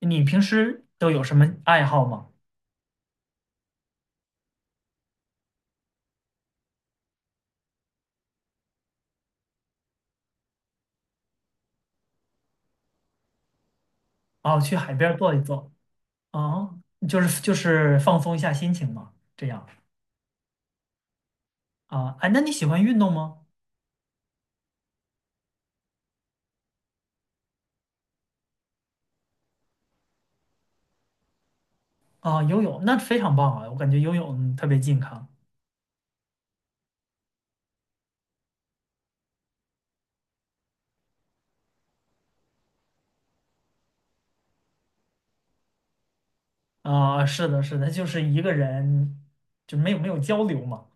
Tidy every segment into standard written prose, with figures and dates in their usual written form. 你平时都有什么爱好吗？哦，去海边儿坐一坐。哦，就是放松一下心情嘛，这样。啊，哎，那你喜欢运动吗？啊，游泳那非常棒啊，我感觉游泳特别健康。啊，是的，是的，就是一个人，就没有交流嘛。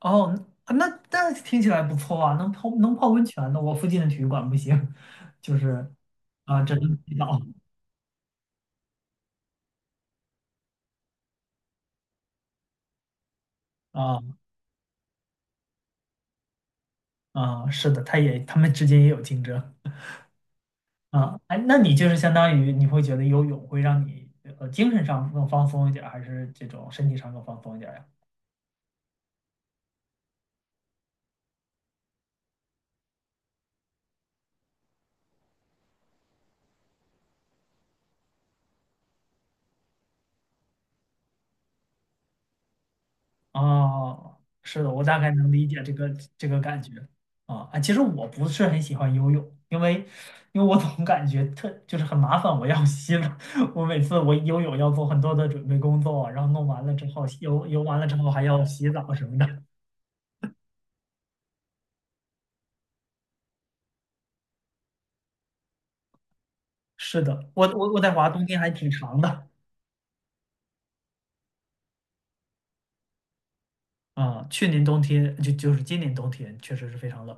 哦，那听起来不错啊，能泡温泉的。我附近的体育馆不行，就是啊，只能洗澡。啊啊，是的，他们之间也有竞争。啊，哎，那你就是相当于你会觉得游泳会让你精神上更放松一点儿，还是这种身体上更放松一点儿呀？哦，是的，我大概能理解这个感觉啊。哎，其实我不是很喜欢游泳，因为我总感觉就是很麻烦，我要洗了。每次我游泳要做很多的准备工作，然后弄完了之后游完了之后还要洗澡什么的。是的，我太华冬天还挺长的。啊，去年冬天就是今年冬天确实是非常冷。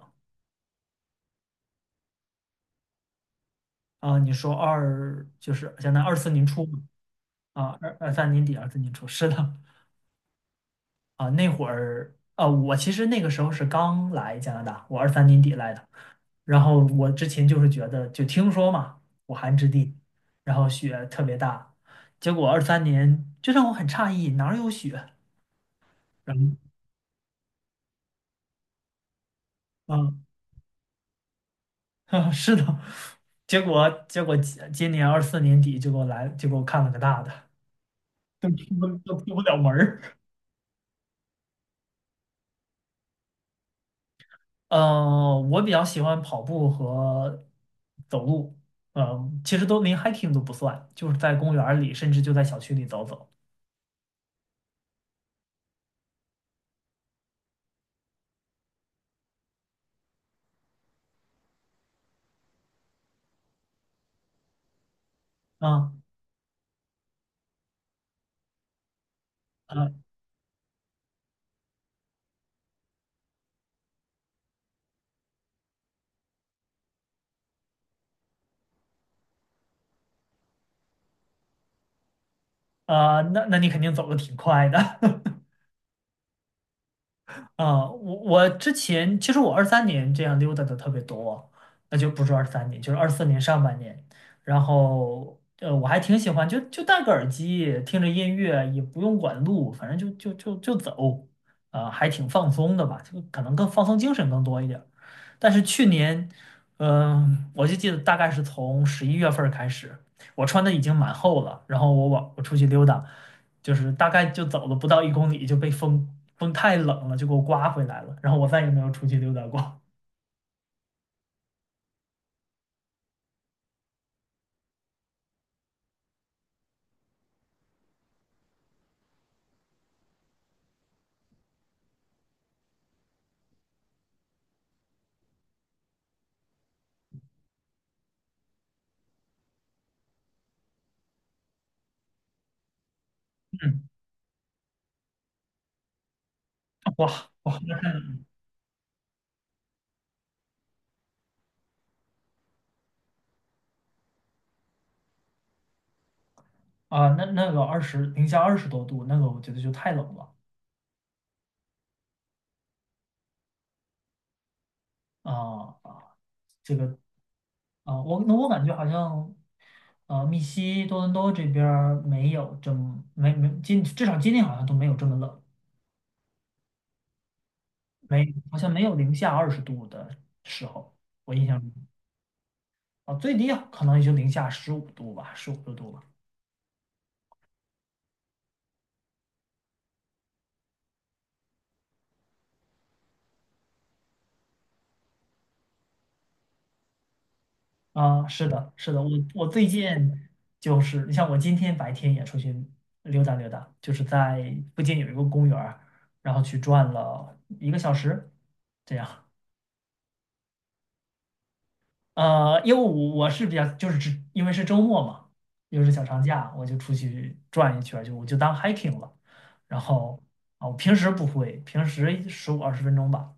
啊，你说就是现在于二四年初嘛，啊，二三年底，二四年初，是的。啊，那会儿啊，我其实那个时候是刚来加拿大，我二三年底来的。然后我之前就是觉得就听说嘛，武汉之地，然后雪特别大，结果二三年就让我很诧异，哪儿有雪？然后啊，是的。结果今年24年底就给我来，就给我看了个大的。都出不了门儿。我比较喜欢跑步和走路。其实都连 hiking 都不算，就是在公园儿里，甚至就在小区里走走。啊啊啊，那你肯定走的挺快的。啊，我之前其实我二三年这样溜达的特别多，那就不是二三年，就是24年上半年。然后我还挺喜欢，就戴个耳机，听着音乐，也不用管路，反正就走。啊，还挺放松的吧，就可能更放松精神更多一点。但是去年，我就记得大概是从11月份儿开始，我穿的已经蛮厚了，然后我出去溜达，就是大概就走了不到1公里就被风，风太冷了，就给我刮回来了，然后我再也没有出去溜达过。嗯。哇。哇。啊，那个零下20多度，那个我觉得就太冷了。啊啊，这个啊，那我感觉好像。多伦多这边儿没有这么没至少今天好像都没有这么冷。没，好像没有零下20度的时候，我印象中。啊，最低啊可能也就零下15度吧，十五六度吧。啊，是的，是的，我最近就是，你像我今天白天也出去溜达溜达，就是在附近有一个公园儿，然后去转了一个小时，这样。因为我是比较就是只因为是周末嘛，又是小长假，我就出去转一圈儿我就当 hiking 了。然后啊，我平时不会，平时十五二十分钟吧。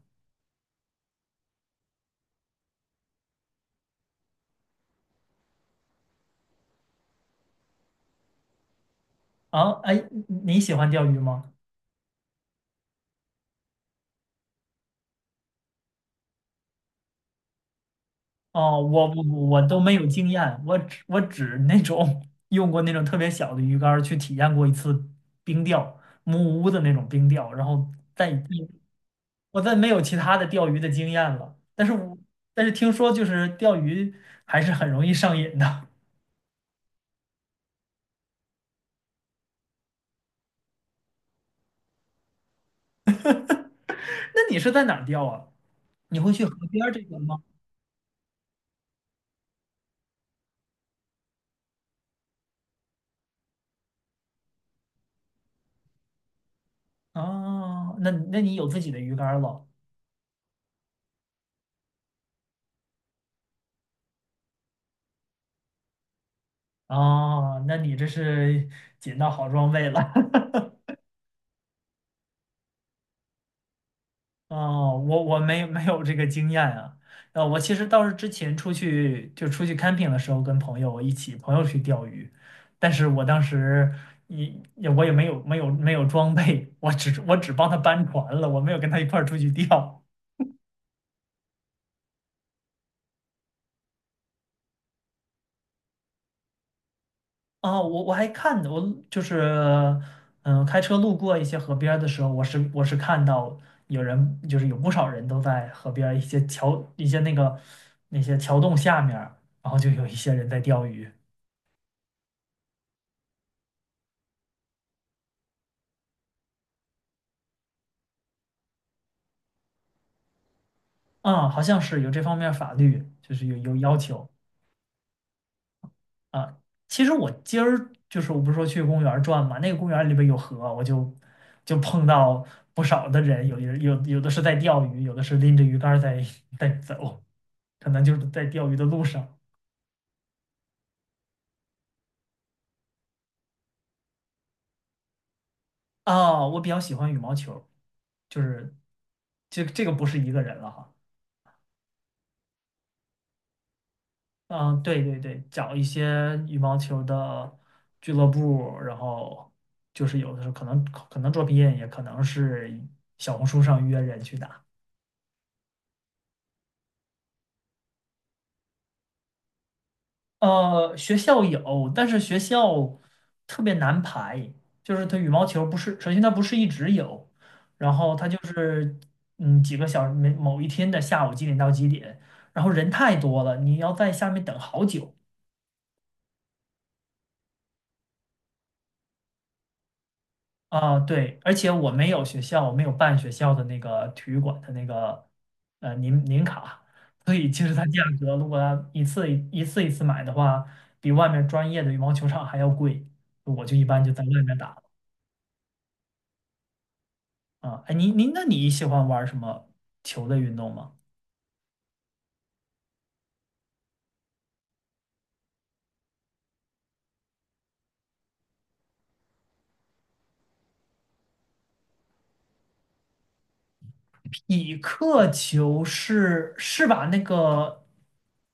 啊，哎，你喜欢钓鱼吗？哦，我都没有经验，我只用过那种特别小的鱼竿儿去体验过一次冰钓，木屋的那种冰钓，然后我再没有其他的钓鱼的经验了，但是但是听说就是钓鱼还是很容易上瘾的。那你是在哪儿钓啊？你会去河边儿这边吗？啊，那你有自己的鱼竿儿了？哦，那你这是捡到好装备了。哦，我没有这个经验啊。我其实倒是之前出去 camping 的时候，跟朋友一起朋友去钓鱼，但是我当时我也没有装备，我只帮他搬船了，我没有跟他一块儿出去钓。啊，我还看我就是开车路过一些河边儿的时候，我是看到就是有不少人都在河边儿一些桥一些那个那些桥洞下面儿，然后就有一些人在钓鱼。啊，好像是有这方面法律，就是有要求啊。其实我今儿就是不是说去公园儿转嘛，那个公园儿里边有河，我就碰到不少的人，有有的是在钓鱼，有的是拎着鱼竿儿在 在走，可能就是在钓鱼的路上。啊。我比较喜欢羽毛球，就是这个不是一个人了哈。嗯，对对对，找一些羽毛球的俱乐部，然后就是有的时候可能作品也可能是小红书上约人去打。学校有，但是学校特别难排，就是它羽毛球不是，首先它不是一直有，然后它就是几个小时，某一天的下午几点到几点，然后人太多了，你要在下面等好久。啊，对，而且我没有办学校的那个体育馆的那个年卡，所以其实它价格如果它一次买的话，比外面专业的羽毛球场还要贵。我就一般就在外面打了。啊。哎，那你喜欢玩什么球类运动吗？匹克球是把那个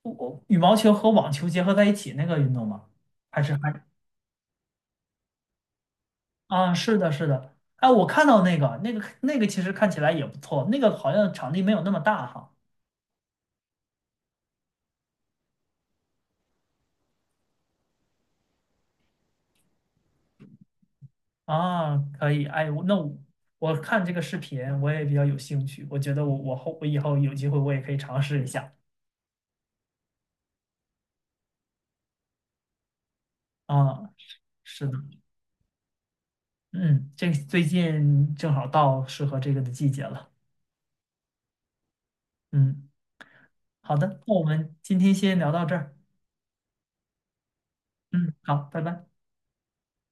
羽毛球和网球结合在一起那个运动吗？还是还？啊，是的，是的，哎，我看到那个，那个其实看起来也不错，那个好像场地没有那么大哈。啊，可以，哎，我那我，看这个视频我也比较有兴趣，我觉得我以后有机会我也可以尝试一下。啊，是的。嗯，这个最近正好到适合这个的季节了。嗯，好的，那我们今天先聊到这儿。嗯，好，拜拜。